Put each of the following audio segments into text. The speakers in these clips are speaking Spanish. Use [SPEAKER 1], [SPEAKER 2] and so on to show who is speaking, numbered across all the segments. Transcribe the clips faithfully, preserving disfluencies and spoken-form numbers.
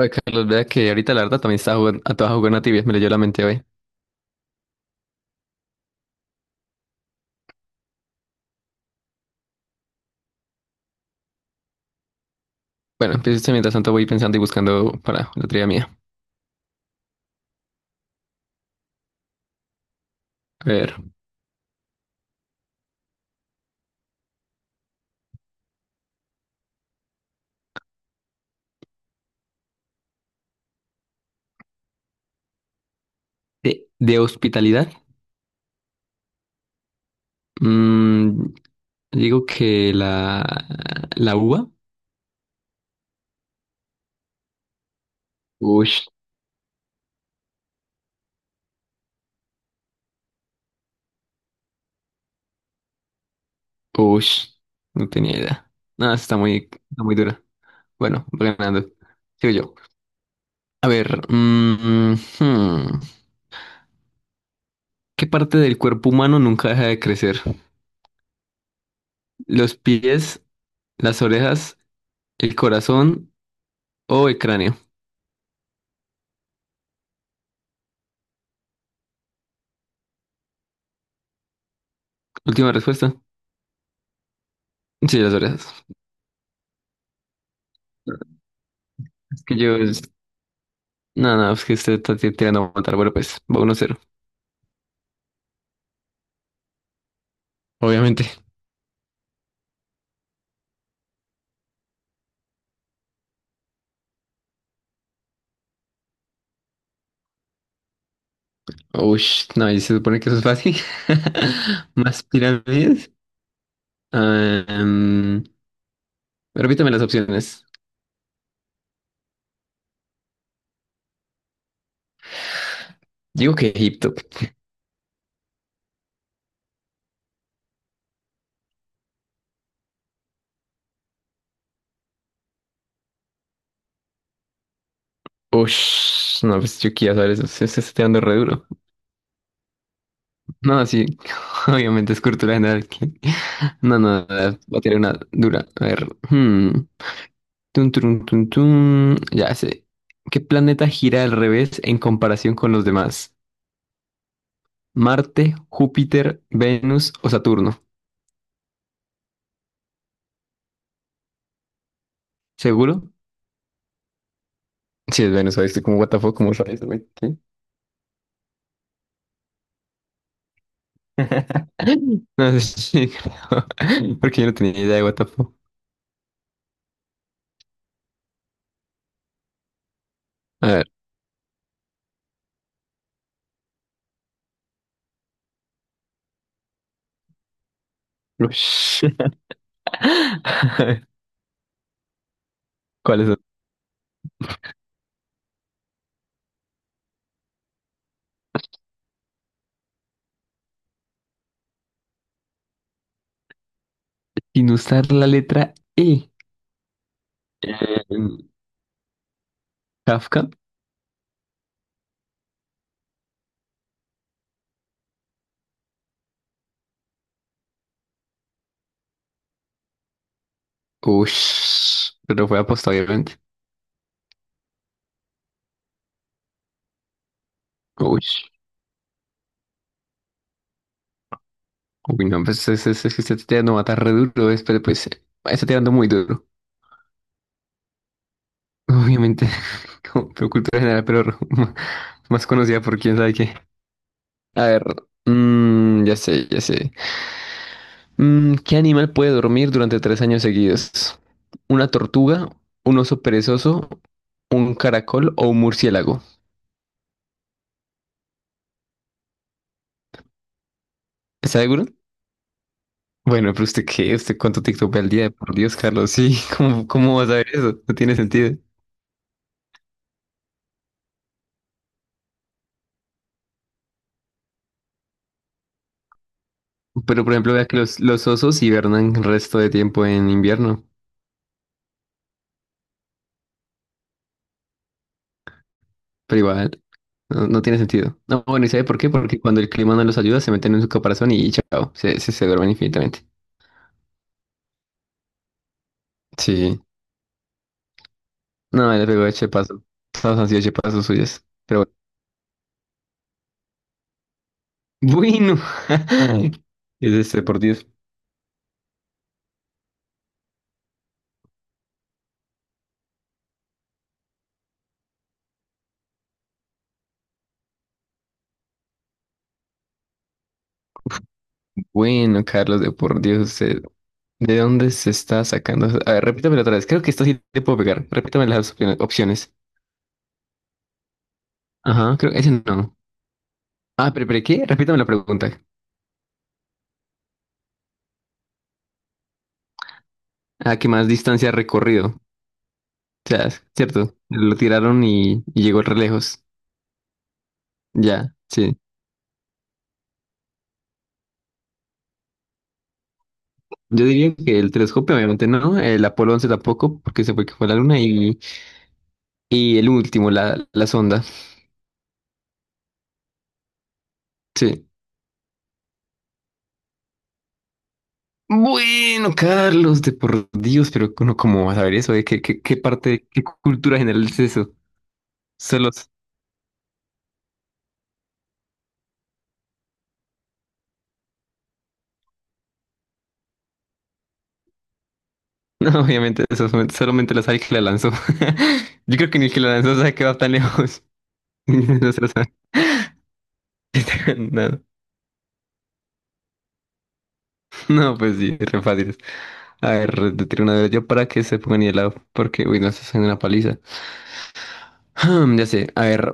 [SPEAKER 1] Oye, Carlos, vea que ahorita la verdad también estaba jugando, estaba jugando a Tibia, me leyó la mente hoy. Bueno, empiezo esto mientras tanto voy pensando y buscando para la trivia mía. A ver, de, de hospitalidad, mm, digo que la, la uva. Ush, ush, no tenía idea. No, está muy, está muy dura. Bueno, voy ganando. Sigo yo. A ver, mm, hmm, ¿qué parte del cuerpo humano nunca deja de crecer? ¿Los pies, las orejas, el corazón o el cráneo? Última respuesta. Sí, las orejas. Es que yo es. No, no, es que usted está ti- tirando a matar. Bueno, pues va uno cero. Obviamente. Uy, no, y se supone que eso es fácil. Más pirámides. Ah, em, repítame las opciones. Digo que Egipto. Uy, no, pues yo quiero saber eso. Se, se está tirando re duro. No, sí. Obviamente es cultura general. No, no, no, voy a tirar una dura. A ver. Hmm. Tun, turun, tun, tun. Ya sé. ¿Qué planeta gira al revés en comparación con los demás? ¿Marte, Júpiter, Venus o Saturno? ¿Seguro? Sí, es Venus, ¿sabes? Como, what the fuck, ¿cómo sabes, güey? ¿Sí? No sé sí, creo. Porque yo no tenía idea de what the fuck. A ver. Ush. ¿Cuáles son? Sin usar la letra E. Em, Kafka. Ush. Pero fue apostado, obviamente. Ush. Uy, no, pues es, es- es que se está tirando a matar re duro, es, pero pues eh, está tirando muy duro. Obviamente, como pero cultura general, pero m- más conocida por quién sabe qué. A ver, mm, ya sé, ya sé. Mm, ¿qué animal puede dormir durante tres años seguidos? ¿Una tortuga, un oso perezoso, un caracol o un murciélago? ¿Está seguro? Bueno, pero usted qué, usted cuánto TikTok ve al día, por Dios, Carlos, sí, ¿cómo, cómo vas a ver eso? No tiene sentido. Pero por ejemplo, veas que los, los osos hibernan el resto de tiempo en invierno, pero igual no, no tiene sentido. No, bueno, ¿y sabe por qué? Porque cuando el clima no los ayuda, se meten en su caparazón y chao, se, se, se duermen infinitamente. Sí, no, le pegó de chepazo. Todos han sido chepazos suyos. Pero bueno, bueno, es este, por Dios. Bueno, Carlos, de por Dios, usted, ¿de dónde se está sacando? A ver, repítamelo otra vez. Creo que esta sí te puedo pegar. Repítame las opciones. Ajá, creo que ese no. Ah, pero, pero ¿qué? Repítame la pregunta. Ah, que más distancia ha recorrido. O sea, es cierto, lo tiraron y, y llegó re lejos. Ya, sí. Yo diría que el telescopio, obviamente no, el Apolo once tampoco, porque se fue que fue a la Luna, y, y el último, la, la sonda. Sí. Bueno, Carlos, de por Dios, pero ¿uno cómo va a saber eso, eh? ¿Qué, qué, qué parte, qué cultura general es eso? Solo, no, obviamente, eso, solamente solamente lo sabe el que la lanzó. Yo creo que ni el que la lanzó sabe que va tan lejos. No se lo sabe. No, no, pues sí, es re fácil. A ver, te tiro una de yo para que se pongan helado, porque, uy, no estás en una paliza. Hmm, ya sé, a ver.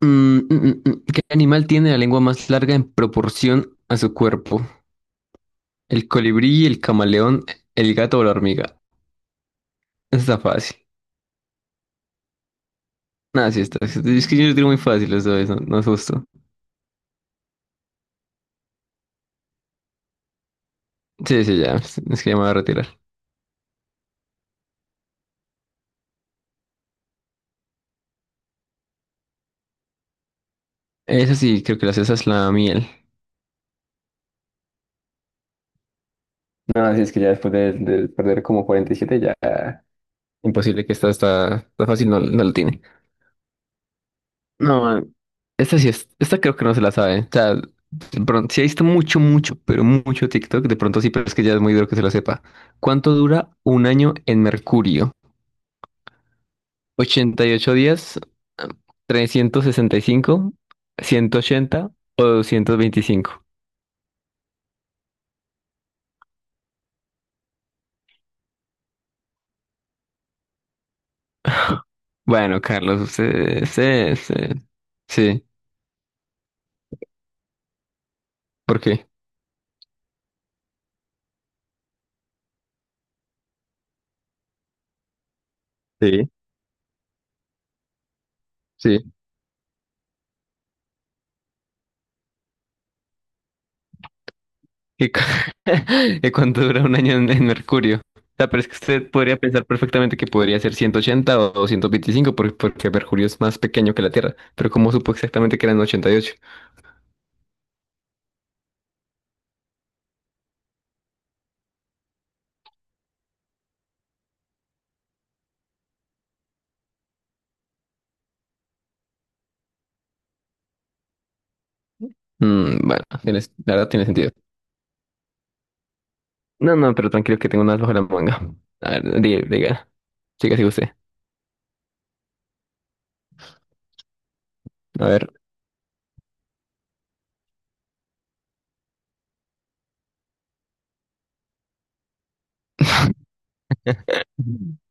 [SPEAKER 1] Mm, mm, mm, mm. ¿Qué animal tiene la lengua más larga en proporción a su cuerpo? ¿El colibrí, el camaleón, el gato o la hormiga? Está fácil. Nada, sí está. Es que yo lo tiro muy fácil, eso es, no, no es justo. Sí, sí, ya, es que ya me voy a retirar. Esa sí, creo que la cesa es la miel. No, así es que ya después de, de perder como cuarenta y siete ya imposible que esta está, está fácil, no, no lo tiene. No, esta sí es, esta creo que no se la sabe. O sea, de pronto, sí he visto mucho, mucho, pero mucho TikTok, de pronto sí, pero es que ya es muy duro que se lo sepa. ¿Cuánto dura un año en Mercurio? ¿Ochenta y ocho días, trescientos sesenta y cinco, ciento ochenta o doscientos veinticinco? Bueno, Carlos, usted, sí, sí, sí. ¿Por qué? Sí, sí. ¿Y, cu- ¿y cuánto dura un año en, en, Mercurio? O sea, pero es que usted podría pensar perfectamente que podría ser ciento ochenta o doscientos veinticinco por- porque Mercurio es más pequeño que la Tierra. Pero ¿cómo supo exactamente que eran ochenta y ocho? Mm, bueno, tienes- la verdad tiene sentido. No, no, pero tranquilo que tengo una bajo la manga. A ver, diga, diga. Siga, siga usted. A ver.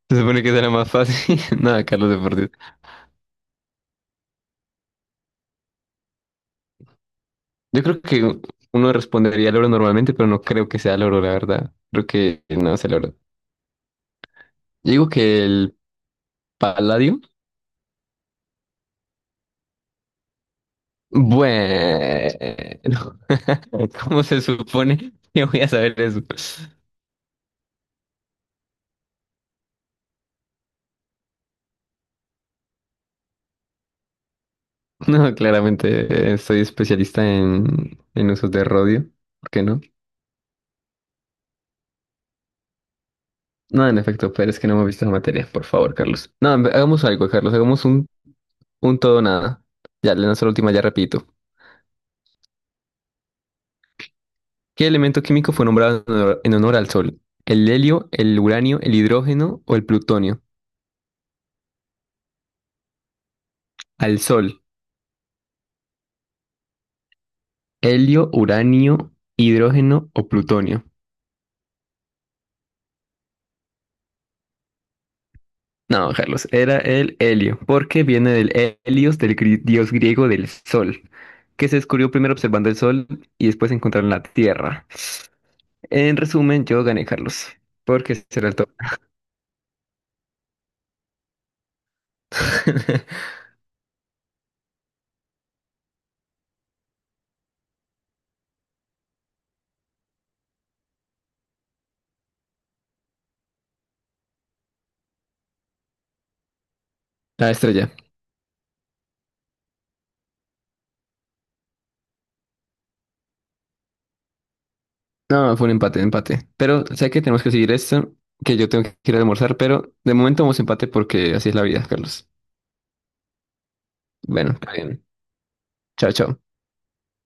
[SPEAKER 1] Se supone que será más fácil. Nada, Carlos de por Dios. Yo creo que uno respondería al oro normalmente, pero no creo que sea el oro, la verdad. Creo que no sea el oro. Yo digo que el paladio. Bueno, ¿cómo se supone que voy a saber eso? No, claramente eh, soy especialista en, en, usos de rodio. ¿Por qué no? No, en efecto, pero es que no hemos visto la materia. Por favor, Carlos. No, en ve- hagamos algo, Carlos. Hagamos un, un todo o nada. Ya, le lanzo la última, ya repito. ¿Qué elemento químico fue nombrado en honor, en honor al Sol? ¿El helio, el uranio, el hidrógeno o el plutonio? Al Sol. Helio, uranio, hidrógeno o plutonio. No, Carlos, era el helio, porque viene del he- helios, del gri- dios griego del sol, que se descubrió primero observando el sol y después encontraron la tierra. En resumen, yo gané, Carlos, porque será el top. La estrella. No, fue un empate, empate. Pero sé que tenemos que seguir esto, que yo tengo que ir a almorzar, pero de momento vamos empate porque así es la vida, Carlos. Bueno, está bien. Chao, chao.